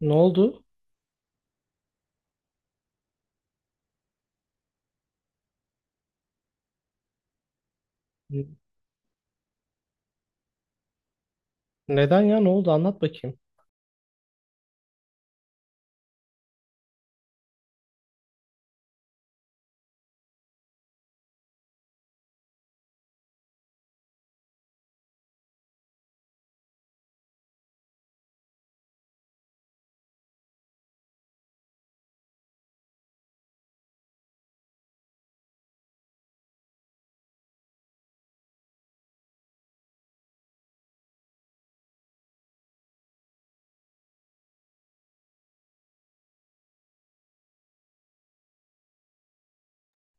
Ne oldu? N- Neden ya? Ne oldu? Anlat bakayım.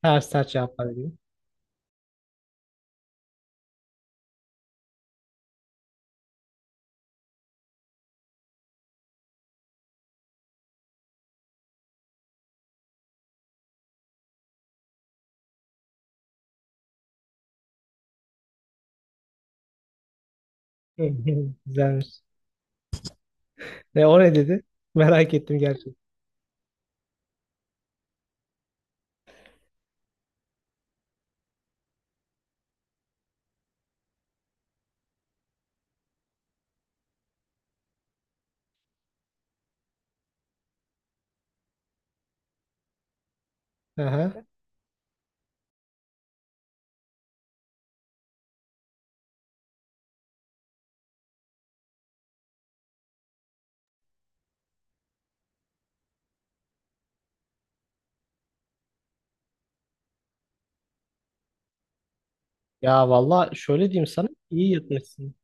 Ters ters cevaplar veriyor. Güzelmiş. Ne o ne dedi? Merak ettim gerçekten. Aha. Ya valla şöyle diyeyim sana iyi yatmışsın.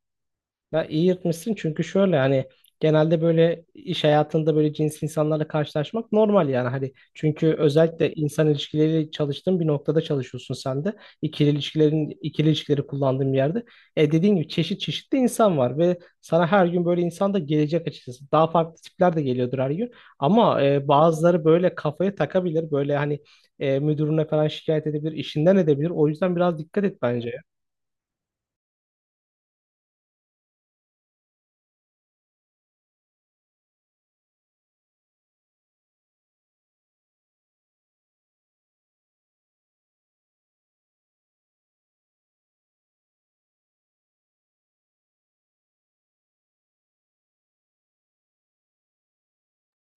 Ya iyi yırtmışsın çünkü şöyle hani genelde böyle iş hayatında böyle cins insanlarla karşılaşmak normal yani hani çünkü özellikle insan ilişkileri çalıştığın bir noktada çalışıyorsun sen de ikili ilişkileri kullandığın bir yerde e dediğin gibi çeşit çeşitli insan var ve sana her gün böyle insan da gelecek açıkçası daha farklı tipler de geliyordur her gün ama bazıları böyle kafaya takabilir böyle hani müdürüne falan şikayet edebilir işinden edebilir o yüzden biraz dikkat et bence.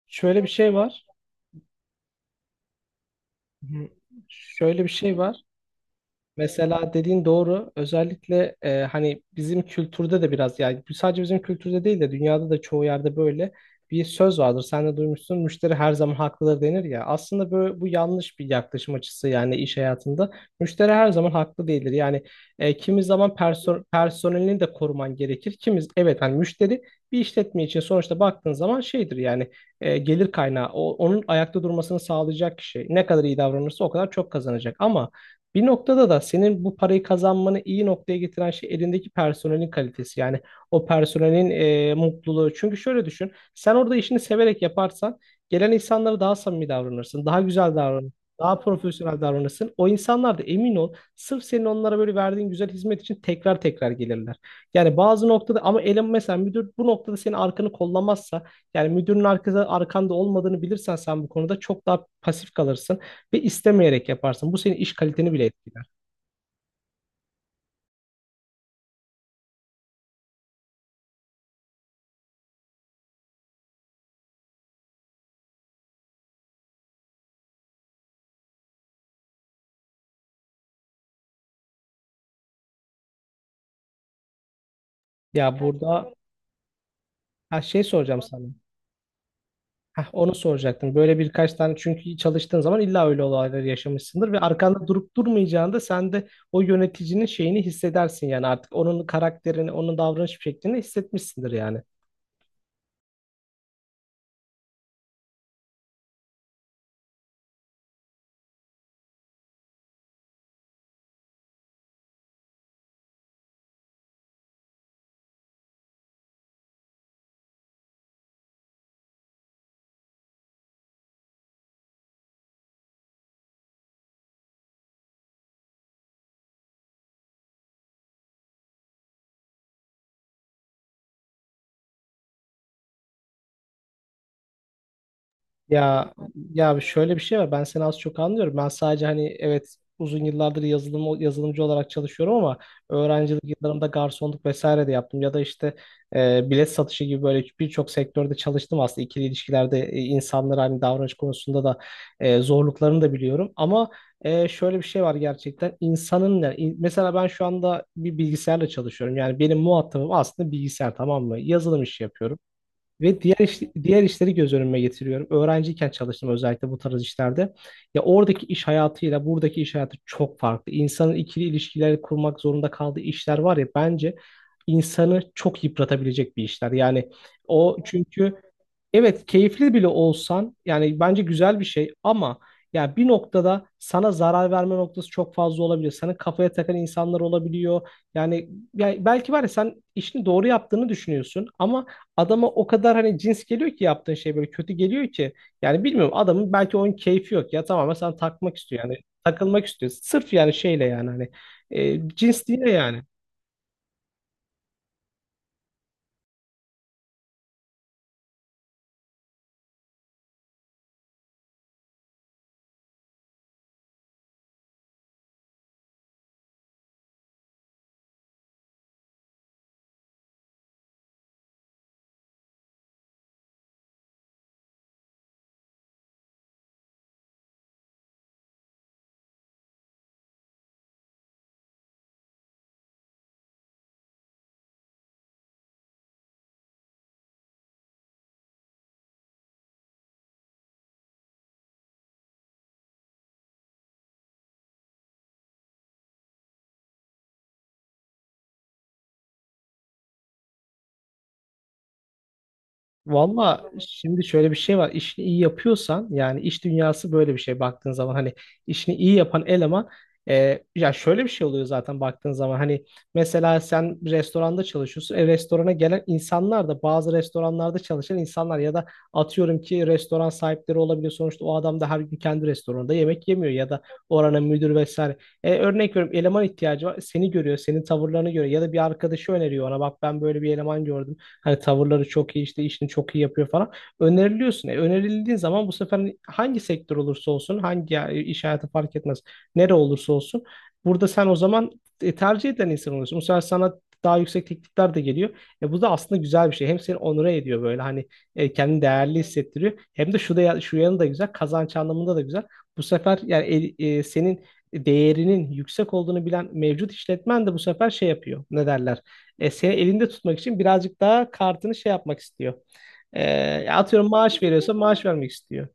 Şöyle bir şey var. Hı. Şöyle bir şey var. Mesela dediğin doğru. Özellikle hani bizim kültürde de biraz yani sadece bizim kültürde değil de dünyada da çoğu yerde böyle bir söz vardır. Sen de duymuşsun. Müşteri her zaman haklıdır denir ya. Aslında böyle, bu yanlış bir yaklaşım açısı yani iş hayatında. Müşteri her zaman haklı değildir. Yani kimi zaman personelini de koruman gerekir. Kimiz evet hani müşteri bir işletme için sonuçta baktığın zaman şeydir yani gelir kaynağı. O, onun ayakta durmasını sağlayacak kişi. Ne kadar iyi davranırsa o kadar çok kazanacak. Ama bir noktada da senin bu parayı kazanmanı iyi noktaya getiren şey elindeki personelin kalitesi. Yani o personelin mutluluğu. Çünkü şöyle düşün, sen orada işini severek yaparsan gelen insanlara daha samimi davranırsın, daha güzel davranırsın, daha profesyonel davranırsın. O insanlar da emin ol, sırf senin onlara böyle verdiğin güzel hizmet için tekrar tekrar gelirler. Yani bazı noktada ama elin mesela müdür bu noktada senin arkanı kollamazsa, yani müdürün arkanda olmadığını bilirsen sen bu konuda çok daha pasif kalırsın ve istemeyerek yaparsın. Bu senin iş kaliteni bile etkiler. Ya burada ha, şey soracağım sana. Heh, onu soracaktım. Böyle birkaç tane çünkü çalıştığın zaman illa öyle olayları yaşamışsındır ve arkanda durup durmayacağında sen de o yöneticinin şeyini hissedersin yani artık onun karakterini, onun davranış şeklini hissetmişsindir yani. Ya ya şöyle bir şey var. Ben seni az çok anlıyorum. Ben sadece hani evet uzun yıllardır yazılımcı olarak çalışıyorum ama öğrencilik yıllarımda garsonluk vesaire de yaptım ya da işte bilet satışı gibi böyle birçok sektörde çalıştım aslında. İkili ilişkilerde insanlara hani davranış konusunda da zorluklarını da biliyorum ama şöyle bir şey var gerçekten insanın yani mesela ben şu anda bir bilgisayarla çalışıyorum yani benim muhatabım aslında bilgisayar, tamam mı? Yazılım işi yapıyorum. Ve diğer işleri göz önüme getiriyorum. Öğrenciyken çalıştım özellikle bu tarz işlerde. Ya oradaki iş hayatıyla buradaki iş hayatı çok farklı. İnsanın ikili ilişkileri kurmak zorunda kaldığı işler var ya bence insanı çok yıpratabilecek bir işler. Yani o çünkü evet keyifli bile olsan yani bence güzel bir şey ama ya bir noktada sana zarar verme noktası çok fazla olabiliyor. Sana kafaya takan insanlar olabiliyor. Yani, ya belki var ya sen işini doğru yaptığını düşünüyorsun ama adama o kadar hani cins geliyor ki yaptığın şey böyle kötü geliyor ki. Yani bilmiyorum adamın belki onun keyfi yok ya tamamen sana takmak istiyor yani takılmak istiyor. Sırf yani şeyle yani hani cins değil yani. Valla şimdi şöyle bir şey var. İşini iyi yapıyorsan yani iş dünyası böyle bir şey baktığın zaman hani işini iyi yapan eleman ya şöyle bir şey oluyor zaten baktığın zaman hani mesela sen restoranda çalışıyorsun. E, restorana gelen insanlar da bazı restoranlarda çalışan insanlar ya da atıyorum ki restoran sahipleri olabiliyor. Sonuçta o adam da her gün kendi restoranında yemek yemiyor ya da oranın müdür vesaire. E, örnek veriyorum eleman ihtiyacı var. Seni görüyor, senin tavırlarını görüyor ya da bir arkadaşı öneriyor ona bak ben böyle bir eleman gördüm. Hani tavırları çok iyi işte işini çok iyi yapıyor falan. Öneriliyorsun. E, önerildiğin zaman bu sefer hangi sektör olursa olsun hangi iş hayatı fark etmez. Nere olursa olsun. Burada sen o zaman tercih eden insan oluyorsun. Bu sefer sana daha yüksek teklifler de geliyor. E, bu da aslında güzel bir şey. Hem seni onure ediyor böyle hani kendini değerli hissettiriyor. Hem de şu yanı da güzel. Kazanç anlamında da güzel. Bu sefer yani senin değerinin yüksek olduğunu bilen mevcut işletmen de bu sefer şey yapıyor. Ne derler? E, seni elinde tutmak için birazcık daha kartını şey yapmak istiyor. E, atıyorum maaş veriyorsa maaş vermek istiyor.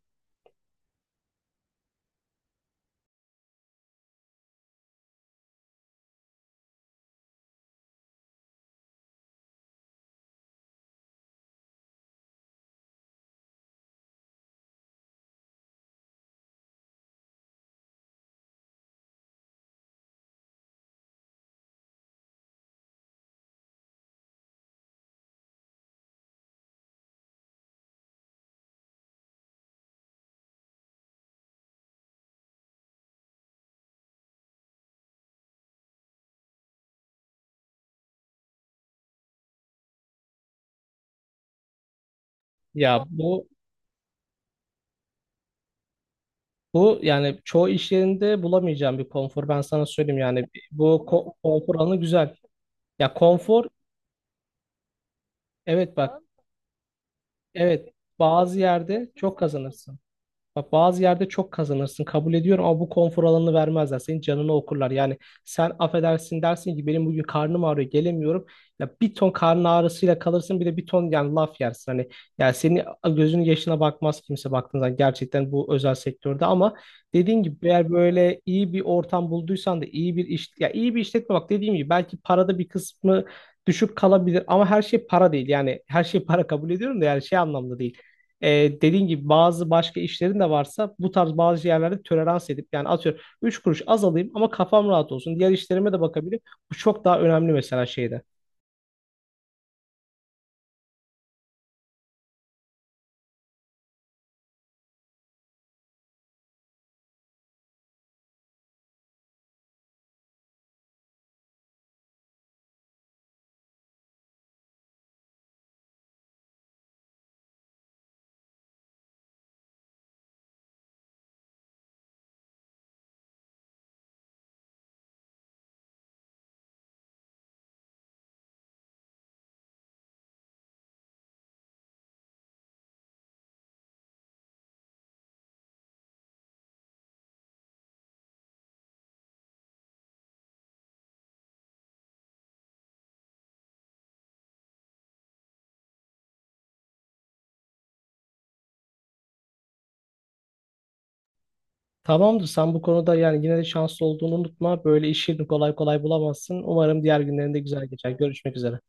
Ya bu yani çoğu iş yerinde bulamayacağım bir konfor. Ben sana söyleyeyim yani bu konfor alanı güzel. Ya konfor evet bak evet bazı yerde çok kazanırsın. Bak bazı yerde çok kazanırsın, kabul ediyorum ama bu konfor alanını vermezler. Senin canını okurlar. Yani sen affedersin dersin ki benim bugün karnım ağrıyor gelemiyorum. Ya bir ton karın ağrısıyla kalırsın bir de bir ton yani laf yersin. Hani yani senin gözünün yaşına bakmaz kimse baktığında gerçekten bu özel sektörde ama dediğin gibi eğer böyle iyi bir ortam bulduysan da iyi bir iş ya iyi bir işletme, bak dediğim gibi belki parada bir kısmı düşük kalabilir ama her şey para değil. Yani her şey para kabul ediyorum da yani şey anlamda değil. E, dediğin gibi bazı başka işlerin de varsa bu tarz bazı yerlerde tolerans edip yani atıyorum 3 kuruş az alayım ama kafam rahat olsun. Diğer işlerime de bakabilirim. Bu çok daha önemli mesela şeyde. Tamamdır, sen bu konuda yani yine de şanslı olduğunu unutma. Böyle işini kolay kolay bulamazsın. Umarım diğer günlerinde güzel geçer. Görüşmek üzere.